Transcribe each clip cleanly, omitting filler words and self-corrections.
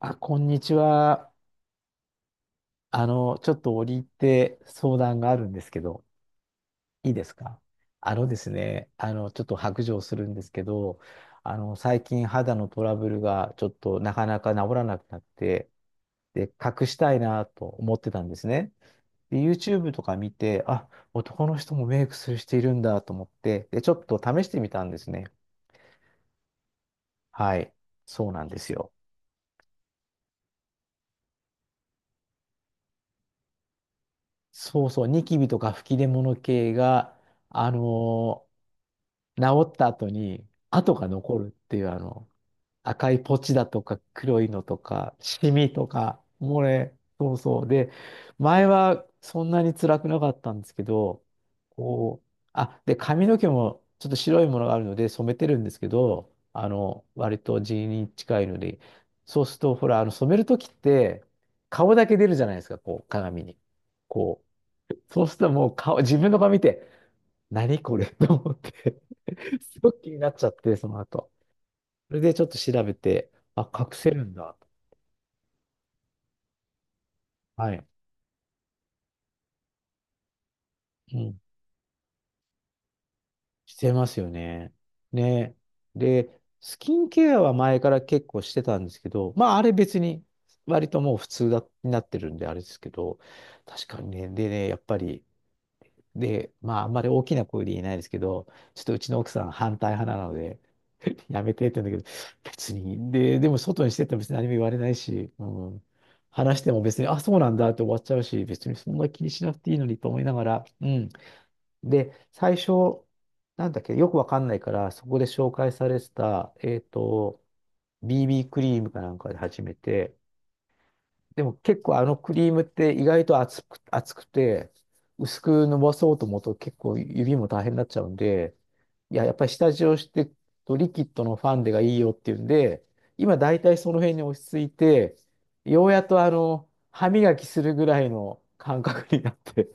あ、こんにちは。ちょっと折り入って相談があるんですけど、いいですか？あのですね、ちょっと白状するんですけど、最近肌のトラブルがちょっとなかなか治らなくなって、で、隠したいなと思ってたんですね。で、YouTube とか見て、あ、男の人もメイクする人いるんだと思って、で、ちょっと試してみたんですね。はい。そうなんですよ。そうそう、ニキビとか吹き出物系が、あのー治った後に跡が残るっていう赤いポチだとか黒いのとかシミとかもうね、そうそう。で、前はそんなに辛くなかったんですけど、こう、あ、で髪の毛もちょっと白いものがあるので染めてるんですけど、あの割と地に近いので、そうするとほら、あの染める時って顔だけ出るじゃないですか、こう鏡に。こう、そうするともう顔、自分の顔見て、何これと思って、 すごく気になっちゃって、その後。それでちょっと調べて、あ、隠せるんだと。はい。うん。してますよね。ね。で、スキンケアは前から結構してたんですけど、まあ、あれ別に、割ともう普通だ、になってるんで、あれですけど、確かにね、でね、やっぱり、で、まあ、あんまり大きな声で言えないですけど、ちょっとうちの奥さん反対派なので、やめてって言うんだけど、別に、でも外にしてっても別に何も言われないし、うん、話しても別に、あ、そうなんだって終わっちゃうし、別にそんな気にしなくていいのにと思いながら、うん。で、最初、なんだっけ、よくわかんないから、そこで紹介されてた、BB クリームかなんかで始めて、でも結構あのクリームって意外と厚くて、薄く伸ばそうと思うと結構指も大変になっちゃうんで、いや、やっぱり下地をしてとリキッドのファンデがいいよっていうんで、今大体その辺に落ち着いて、ようやっと歯磨きするぐらいの感覚になって、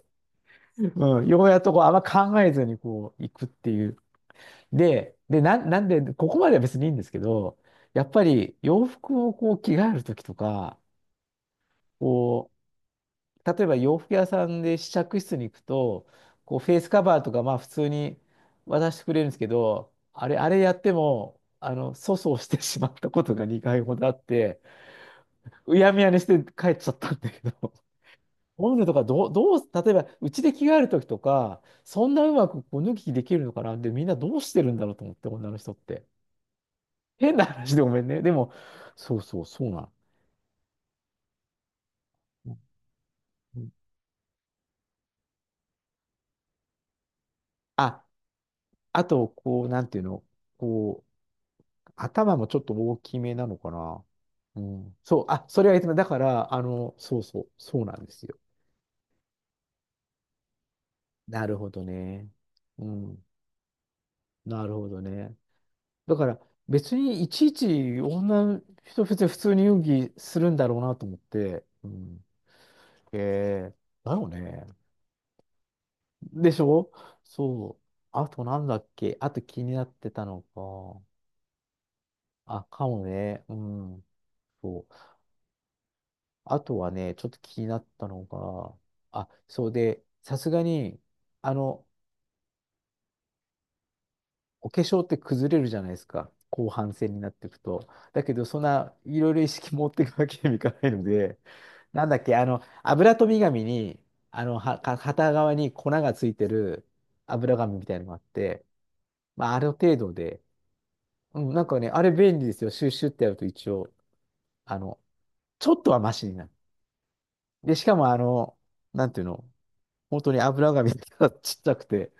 うん、ようやっとこうあんま考えずにこう行くっていう。で、で、な、なんで、ここまでは別にいいんですけど、やっぱり洋服をこう着替えるときとか、こう、例えば洋服屋さんで試着室に行くと、こうフェイスカバーとか、まあ普通に渡してくれるんですけど、あれやっても、粗相してしまったことが2回ほどあって、うやむやにして帰っちゃったんだけど、こういうのとかどう、どう、例えばうちで着替えるときとか、そんなうまくこう脱ぎ着できるのかなって、みんなどうしてるんだろうと思って、女の人って。変な話でごめんね。でも、そうそう、そうなの。うん、あ、あと、こう、なんていうの、こう、頭もちょっと大きめなのかな。うん。そう、あ、それは言ってた、だから、そうそう、そうなんですよ。なるほどね。うん。なるほどね。だから、別にいちいち女の人、別に普通に遊戯するんだろうなと思って。うん。へえ、だよね。でしょ、そう。あとなんだっけ、あと気になってたのか。あ、かもね。うん。そう。あとはね、ちょっと気になったのが、あ、そうで、さすがに、あの、お化粧って崩れるじゃないですか。後半戦になっていくと。だけど、そんないろいろ意識持っていくわけにもいかないので、なんだっけ、油飛び紙に、片側に粉がついてる油紙みたいなのがあって、まあ、ある程度で、うん、なんかね、あれ便利ですよ。シュッシュってやると一応、あの、ちょっとはマシになる。で、しかも、なんていうの、本当に油紙がちっちゃくて、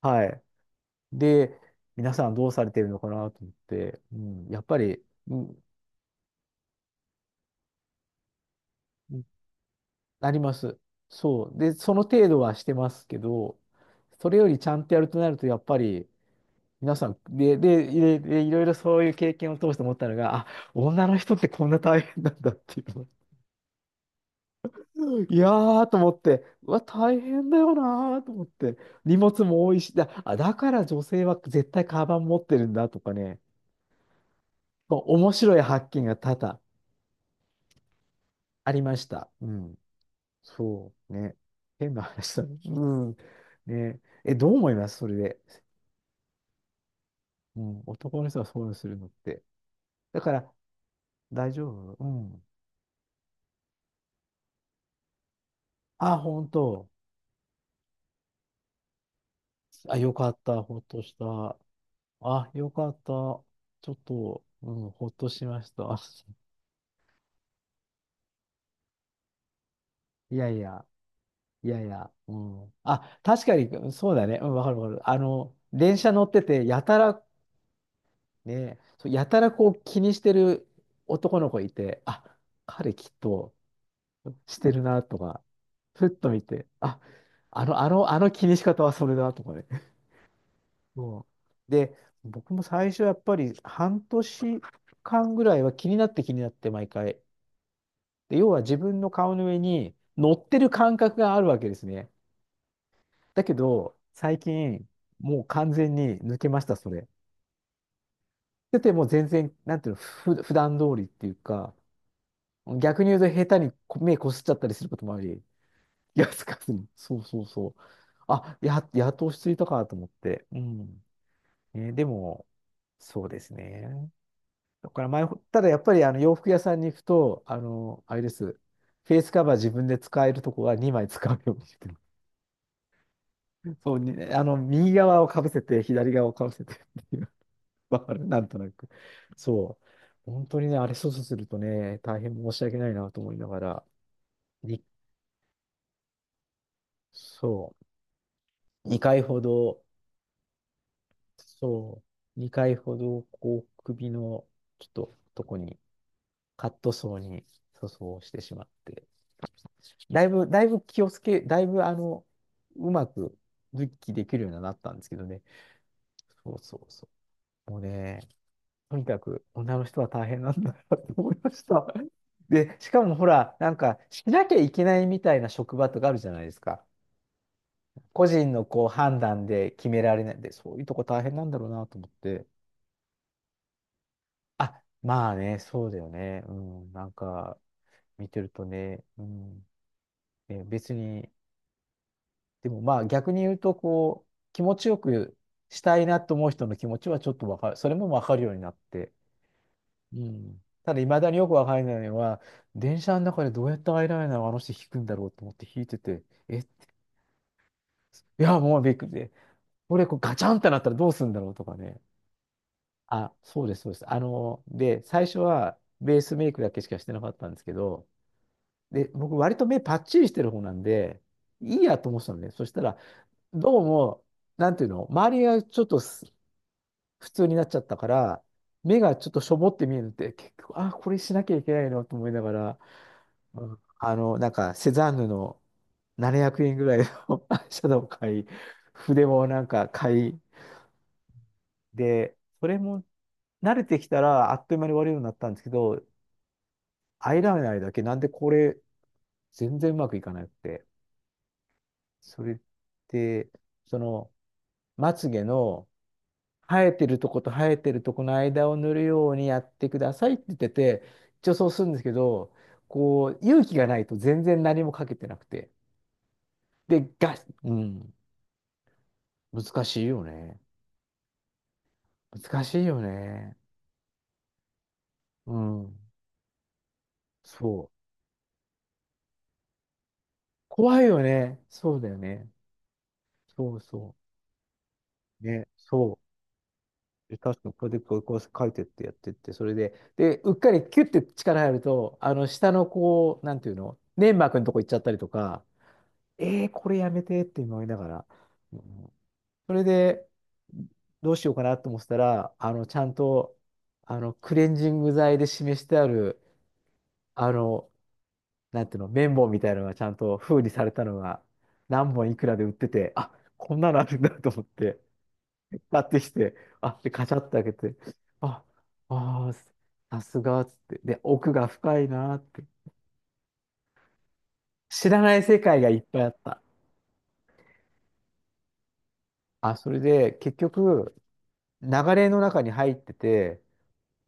はい。で、皆さんどうされてるのかなと思って、うん、やっぱり、うん、あります。そう。で、その程度はしてますけど、それよりちゃんとやるとなると、やっぱり、皆さん、でいろいろそういう経験を通して思ったのが、あ、女の人ってこんな大変なんだっていうの。いやーと思って、うわ、大変だよなーと思って、荷物も多いし、だから女性は絶対カバン持ってるんだとかね、そう面白い発見が多々ありました。うん。そうね。変な話だね。うん。ね。え、どう思いますそれで。うん。男の人はそういうのするのって。だから、大丈夫、うん。あ、本当。あ、よかった。ほっとした。あ、よかった。ちょっと、うん、ほっとしました。いやいや、いやいや、うん。あ、確かに、そうだね。うん、わかるわかる。電車乗ってて、やたらね、そうやたらこう気にしてる男の子いて、あ、彼きっとしてるなとか、ふっと見て、あ、あの気にし方はそれだとかね。もう で、僕も最初やっぱり半年間ぐらいは気になって気になって毎回。で、要は自分の顔の上に乗ってる感覚があるわけですね。だけど、最近もう完全に抜けました、それ。でてもう全然、なんていうの、普段通りっていうか、逆に言うと下手にこ目こすっちゃったりすることもあり、気がつかずに。そうそうそう。やっと落ち着いたかと思って。うん。ね、でも、そうですね。だからただやっぱりあの洋服屋さんに行くと、あれです。フェイスカバー自分で使えるとこは2枚使うようにしてる。そうに、右側をかぶせて、左側をかぶせてっていう。わかるなんとなく。そう。本当にね、あれ操作するとね、大変申し訳ないなと思いながら。にそう。2回ほど、そ2回ほど、こう、首の、ちょっと、とこに、カットソーに塗装してしまって、だいぶ、だいぶ気をつけ、だいぶ、あの、うまく、復帰できるようになったんですけどね。そうそうそう。もうね、とにかく、女の人は大変なんだなと思いました。で、しかもほら、なんか、しなきゃいけないみたいな職場とかあるじゃないですか。個人のこう判断で決められないんで、そういうとこ大変なんだろうなと思って。あ、まあね、そうだよね。うん、なんか、見てるとね、うん、ね別に、でもまあ逆に言うと、こう、気持ちよくしたいなと思う人の気持ちはちょっとわかる、それもわかるようになって。うん。ただ、未だによくわからないのは、電車の中でどうやってアイライナーをあの人引くんだろうと思って引いてて、え、いや、もうびっくりで、これこうガチャンってなったらどうするんだろうとかね。あ、そうです、そうです。で、最初はベースメイクだけしかしてなかったんですけど、で、僕割と目パッチリしてる方なんで、いいやと思ってたのね。そしたら、どうも、なんていうの、周りがちょっとす普通になっちゃったから、目がちょっとしょぼって見えるって、結局、あ、これしなきゃいけないのと思いながら、なんか、セザンヌの700円ぐらいの アイシャドウを買い、筆もなんか買い、で、それも慣れてきたらあっという間に終わるようになったんですけど、アイライナーだけなんでこれ全然うまくいかなくて。それって、その、まつげの生えてるとこと生えてるとこの間を塗るようにやってくださいって言ってて、一応そうするんですけど、こう、勇気がないと全然何もかけてなくて。で、ガッ、うん、難しいよね。難しいよね。うん、そう。怖いよね。そうだよね。そうそう。ね、そう。で確かにこうやってこう、こう書いてってやってって、それで、で、うっかりキュッて力入ると、下のこう、なんていうの、粘膜のとこ行っちゃったりとか、これやめてって思いながら、うんそれで、どうしようかなと思ってたら、ちゃんと、クレンジング剤で示してある、あの、なんていうの、綿棒みたいなのがちゃんと封にされたのが、何本いくらで売ってて、あ、こんなのあるんだと思って、買ってきて、あ、で、カチャって開けて、あ、あー、さすがっつって、で、奥が深いなーって。知らない世界がいっぱいあった。あ、それで、結局、流れの中に入ってて、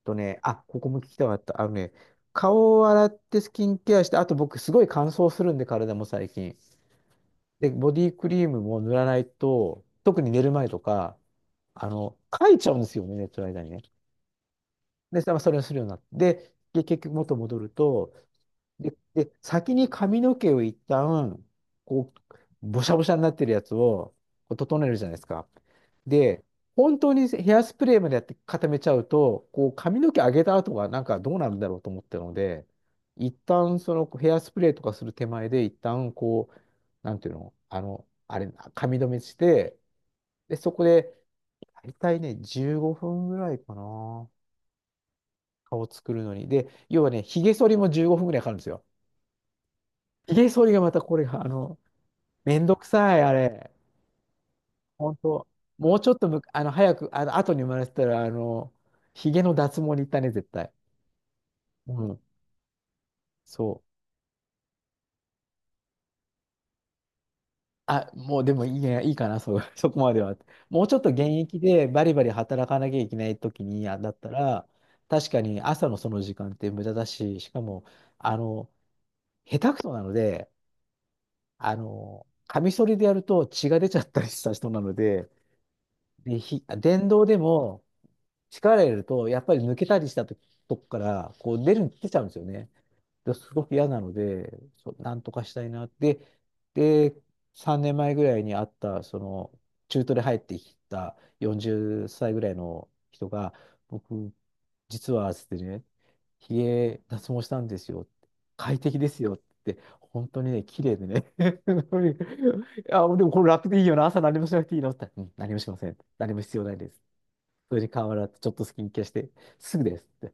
とね、あ、ここも聞きたかった。あのね、顔を洗ってスキンケアして、あと僕すごい乾燥するんで、体も最近。で、ボディクリームも塗らないと、特に寝る前とか、書いちゃうんですよね、寝てる間にね。で、まあそれをするようになって。で、で結局元戻ると、で、先に髪の毛を一旦、こう、ぼしゃぼしゃになってるやつを、こう整えるじゃないですか。で、本当にヘアスプレーまでやって固めちゃうと、こう、髪の毛上げた後がなんかどうなるんだろうと思ったので、一旦そのヘアスプレーとかする手前で、一旦こう、なんていうの、あの、あれ、髪留めして、で、そこで、大体ね、15分ぐらいかな。顔作るのに。で、要はね、髭剃りも15分ぐらいかかるんですよ。ひげ剃りがまたこれが、めんどくさい、あれ。本当もうちょっとむ、あの、早く、後に生まれてたら、ひげの脱毛に行ったね、絶対。うん、そう。あ、もうでもいいや、いいかな、そう、そこまでは。もうちょっと現役でバリバリ働かなきゃいけない時に、あだったら、確かに朝のその時間って無駄だし、しかも、あの、下手くそなので、カミソリでやると血が出ちゃったりした人なので、で、電動でも、力入れると、やっぱり抜けたりしたとこから、こう出る、出ちゃうんですよね。ですごく嫌なので、そなんとかしたいなって。で、3年前ぐらいに会った、その、中途で入ってきた40歳ぐらいの人が、僕、実は、つってね、ひげ脱毛したんですよ。快適ですよって。本当にね、綺麗でね。あ、でもこれ楽でいいよな。朝何もしなくていいのって言ったら、うん、何もしません。何も必要ないです。それに顔洗って、ちょっとスキンケアして、すぐですって。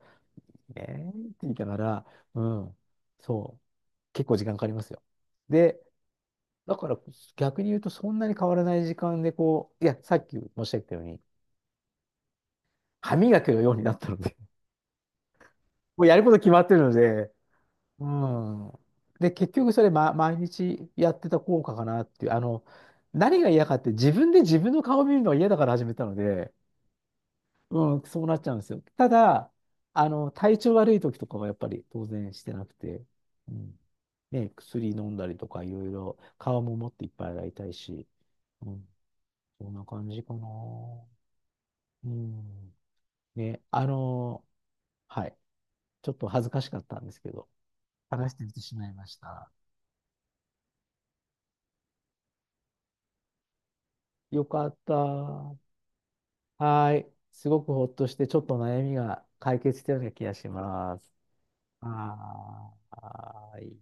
えーって言いながら、うん、そう。結構時間かかりますよ。で、だから逆に言うとそんなに変わらない時間でこう、いや、さっき申し上げたように、歯磨きのようになったので もうやること決まってるので、うん。で、結局それ、ま、毎日やってた効果かなっていう、何が嫌かって自分で自分の顔を見るのは嫌だから始めたので、うん、そうなっちゃうんですよ。ただ、体調悪い時とかはやっぱり当然してなくて、うん。ね、薬飲んだりとかいろいろ、顔ももっといっぱい洗いたいし、うん。そんな感じかな。うん。ね、はい。ちょっと恥ずかしかったんですけど、話してみてしまいました。よかった。はーい。すごくほっとして、ちょっと悩みが解決したような気がします。はーい。